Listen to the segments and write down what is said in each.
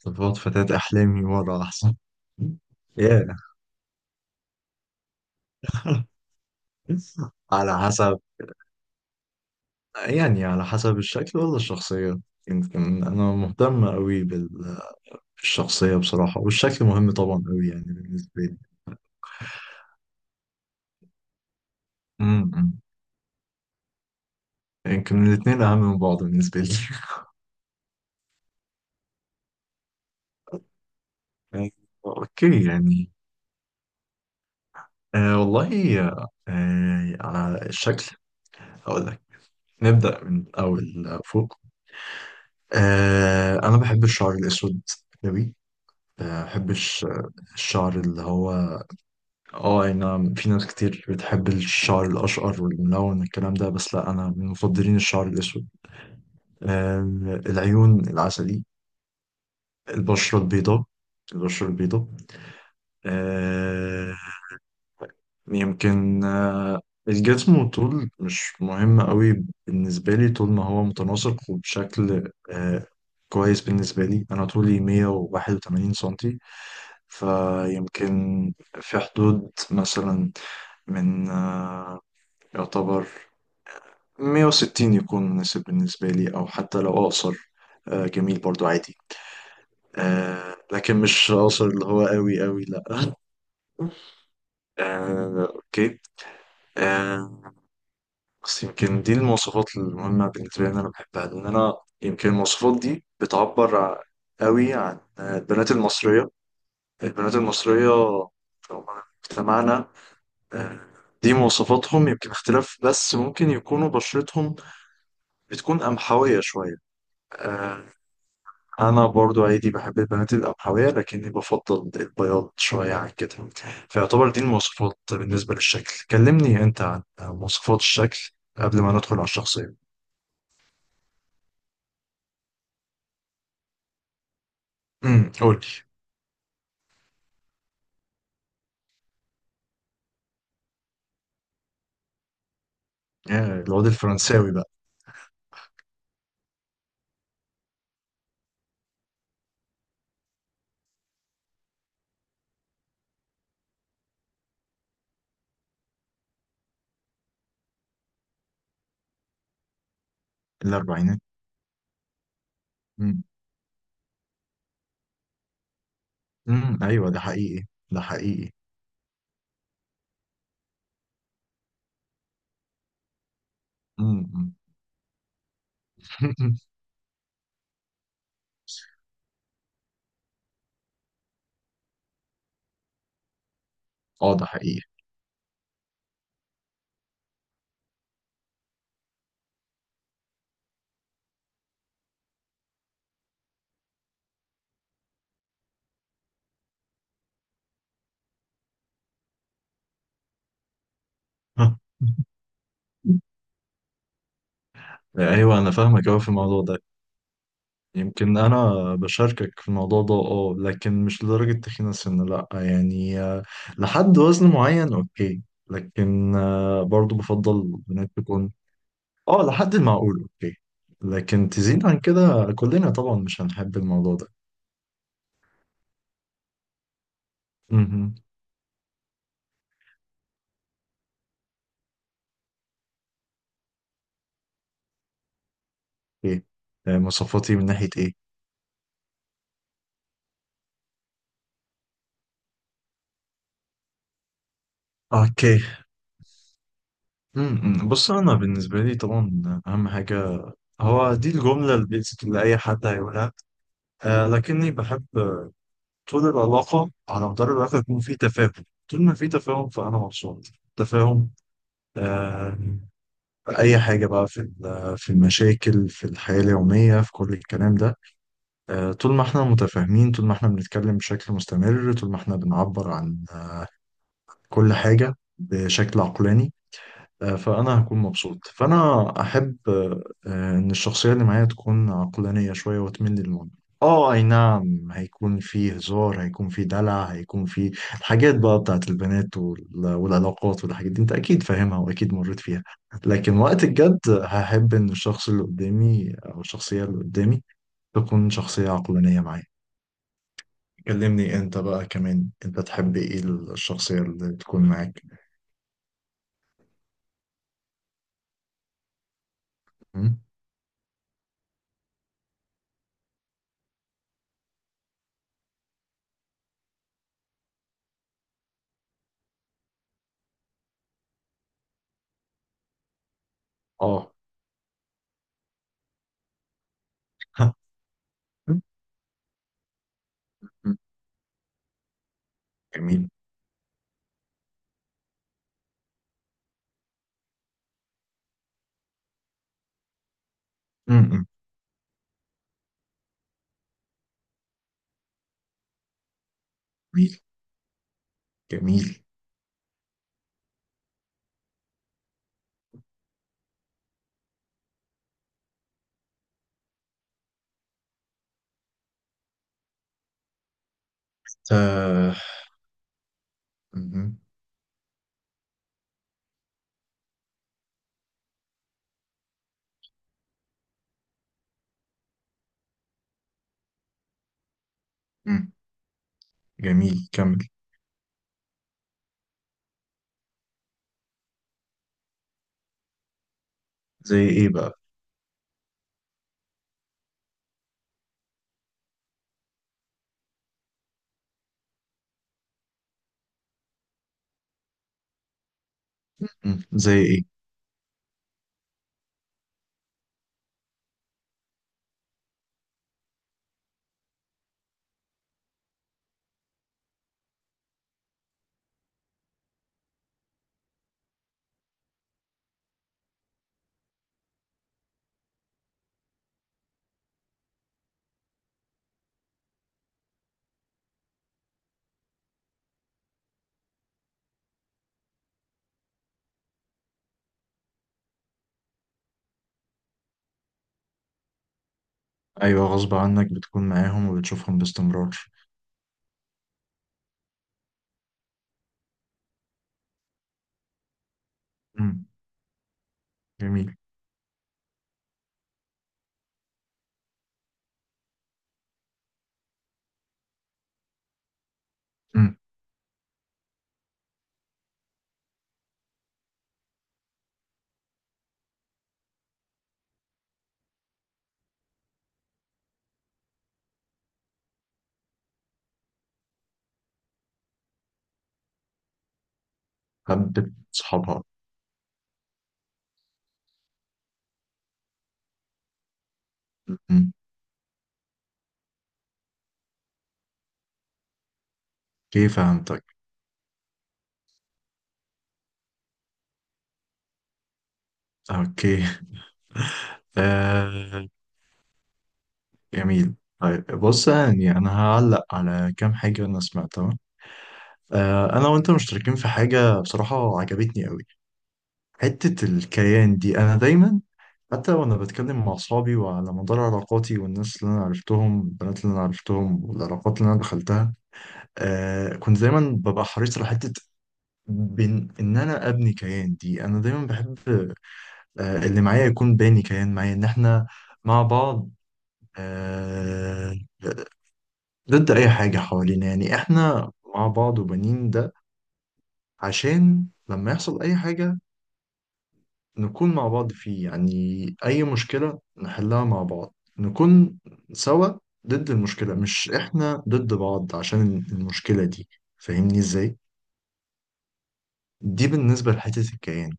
تفوت فتاة أحلامي وضع أحسن يا على حسب. يعني على حسب الشكل ولا الشخصية؟ يمكن أنا مهتم أوي بالشخصية بصراحة، والشكل مهم طبعا أوي يعني بالنسبة لي. أمم. يمكن الاتنين أهم من بعض بالنسبة لي. أوكي يعني. والله، على الشكل هقول لك. نبدأ من أول فوق. أنا بحب الشعر الأسود أوي، ما بحبش الشعر اللي هو اه اي نعم، في ناس كتير بتحب الشعر الاشقر والملون والكلام ده، بس لا، انا من مفضلين الشعر الاسود. آه العيون العسلي، البشرة البيضاء البشرة البيضاء. آه يمكن آه الجسم والطول مش مهم قوي بالنسبة لي، طول ما هو متناسق وبشكل كويس بالنسبة لي. أنا طولي 181 سنتي، فيمكن في حدود مثلا من آه، يعتبر 160 يكون مناسب بالنسبة لي، أو حتى لو أقصر جميل برضو عادي. لكن مش أقصر اللي هو قوي قوي، لأ. آه، أوكي آه، بس يمكن دي المواصفات المهمة بالنسبة لي، إن أنا بحبها، لأن أنا يمكن المواصفات دي قوي عن البنات المصرية في مجتمعنا. آه، دي مواصفاتهم، يمكن اختلاف، بس ممكن يكونوا بشرتهم بتكون قمحوية شوية. آه، أنا برضو عادي بحب البنات القمحوية، لكني بفضل البياض شوية عن كده. فيعتبر دي المواصفات بالنسبة للشكل. كلمني أنت عن مواصفات الشكل قبل ما ندخل على الشخصية. امم، قول لي. الواد الفرنساوي بقى؟ الأربعينات؟ امم. أمم، أيوه، ده حقيقي. امم. اه، ده حقيقي. ايوه، انا فاهمك قوي في الموضوع ده. يمكن انا بشاركك في الموضوع ده، اه، لكن مش لدرجة تخين سن، لا يعني، لحد وزن معين، اوكي. لكن برضو بفضل بنات تكون، اه، لحد المعقول، اوكي. لكن تزيد عن كده كلنا طبعا مش هنحب الموضوع ده. امم. اوكي. مواصفاتي من ناحية ايه؟ اوكي. امم، بص، انا بالنسبة لي طبعا اهم حاجة هو دي الجملة البيزك اللي اي حد هيقولها. لكني بحب طول العلاقة، على مدار العلاقة، يكون في تفاهم. طول ما في تفاهم فأنا مبسوط. تفاهم آه في أي حاجة بقى، في المشاكل، في الحياة اليومية، في كل الكلام ده. طول ما احنا متفاهمين، طول ما احنا بنتكلم بشكل مستمر، طول ما احنا بنعبر عن كل حاجة بشكل عقلاني، فأنا هكون مبسوط. فأنا أحب إن الشخصية اللي معايا تكون عقلانية شوية وتميل للمنطق. أي نعم، هيكون فيه هزار، هيكون فيه دلع، هيكون فيه الحاجات بقى بتاعت البنات والعلاقات والحاجات دي، أنت أكيد فاهمها وأكيد مريت فيها. لكن وقت الجد هحب إن الشخص اللي قدامي أو الشخصية اللي قدامي تكون شخصية عقلانية معايا. كلمني أنت بقى كمان، أنت تحب إيه الشخصية اللي تكون معاك؟ م? آه. جميل، جميل، جميل. آه، مهم. مم. جميل، كمل. زي ايه بقى؟ مم. زي ايه؟ ايوه، غصب عنك بتكون معاهم وبتشوفهم باستمرار. مم. جميل. مم. حبة صحابها. مم. اوكي فهمتك. اوكي. آه، جميل، طيب بص، يعني انا هعلق على كام حاجة انا سمعتها. آه، انا وانت مشتركين في حاجة بصراحة عجبتني قوي. حتة الكيان دي، انا دايما حتى وانا بتكلم مع اصحابي، وعلى مدار علاقاتي والناس اللي انا عرفتهم، البنات اللي انا عرفتهم والعلاقات اللي انا دخلتها، كنت دايما ببقى حريص على حته بين ان انا ابني كيان. دي انا دايما بحب اللي معايا يكون باني كيان معايا، ان احنا مع بعض، آه ضد اي حاجه حوالينا. يعني احنا مع بعض، وبنين ده عشان لما يحصل اي حاجه نكون مع بعض فيه. يعني أي مشكلة نحلها مع بعض، نكون سوا ضد المشكلة، مش إحنا ضد بعض عشان المشكلة دي. فاهمني إزاي؟ دي بالنسبة لحتة الكيان.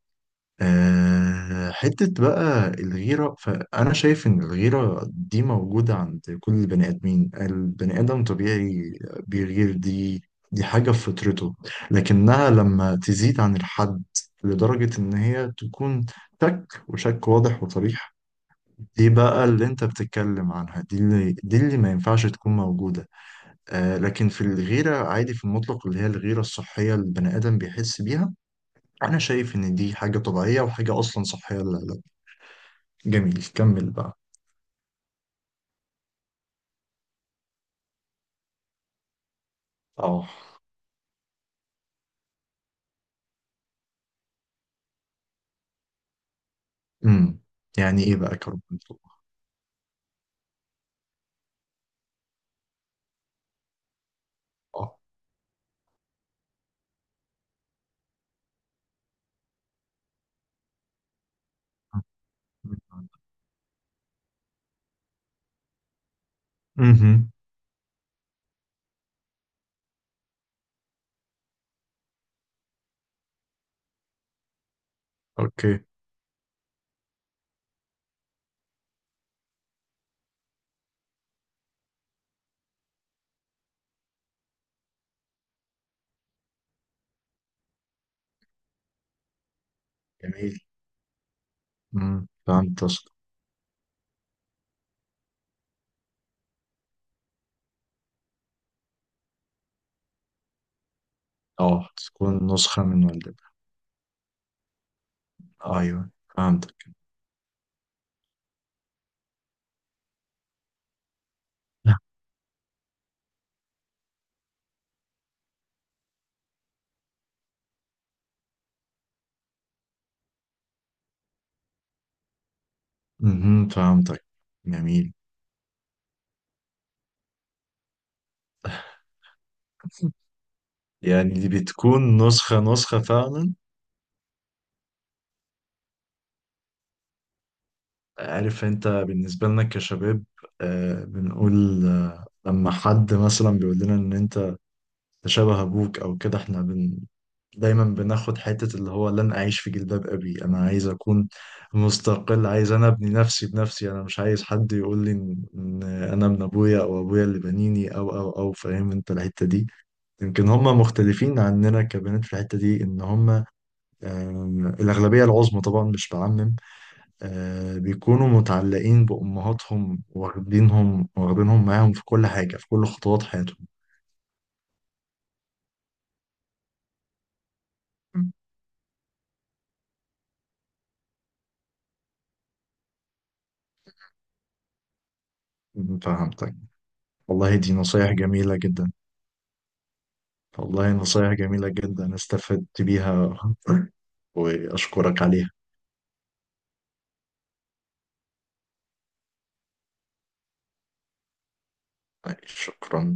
أه، حتة بقى الغيرة، فأنا شايف إن الغيرة دي موجودة عند كل البني آدمين، البني آدم طبيعي بيغير، دي حاجة في فطرته. لكنها لما تزيد عن الحد لدرجة إن هي تكون شك، وشك واضح وصريح، دي بقى اللي انت بتتكلم عنها، دي اللي ما ينفعش تكون موجودة. لكن في الغيرة عادي في المطلق، اللي هي الغيرة الصحية اللي البني آدم بيحس بيها، أنا شايف إن دي حاجة طبيعية، وحاجة أصلا صحية. لا، لا. جميل، كمل بقى. اه. امم. يعني إيه بقى كرب التوبة؟ اه. امم. أوكي. جميل. امم، فهمت قصدك. اه، تكون نسخة من والدتك. أيوه. فهمتك. امم، فهمتك. جميل. يعني دي بتكون نسخة فعلا. عارف انت بالنسبة لنا كشباب، بنقول لما حد مثلا بيقول لنا ان انت تشابه ابوك او كده، احنا بن دايما بناخد حتة اللي هو لن اعيش في جلباب ابي، انا عايز اكون مستقل، عايز انا ابني نفسي بنفسي، انا مش عايز حد يقول لي إن انا ابن ابويا، او ابويا اللي بنيني، او فاهم انت الحتة دي. يمكن هم مختلفين عننا كبنات في الحتة دي، ان هم الاغلبية العظمى طبعا مش بعمم، بيكونوا متعلقين بأمهاتهم، واخدينهم معاهم في كل حاجة، في كل خطوات حياتهم. م، فهمتك. والله دي نصايح جميلة جدا. والله نصايح جميلة جدا، استفدت بيها. وأشكرك عليها. شكرا.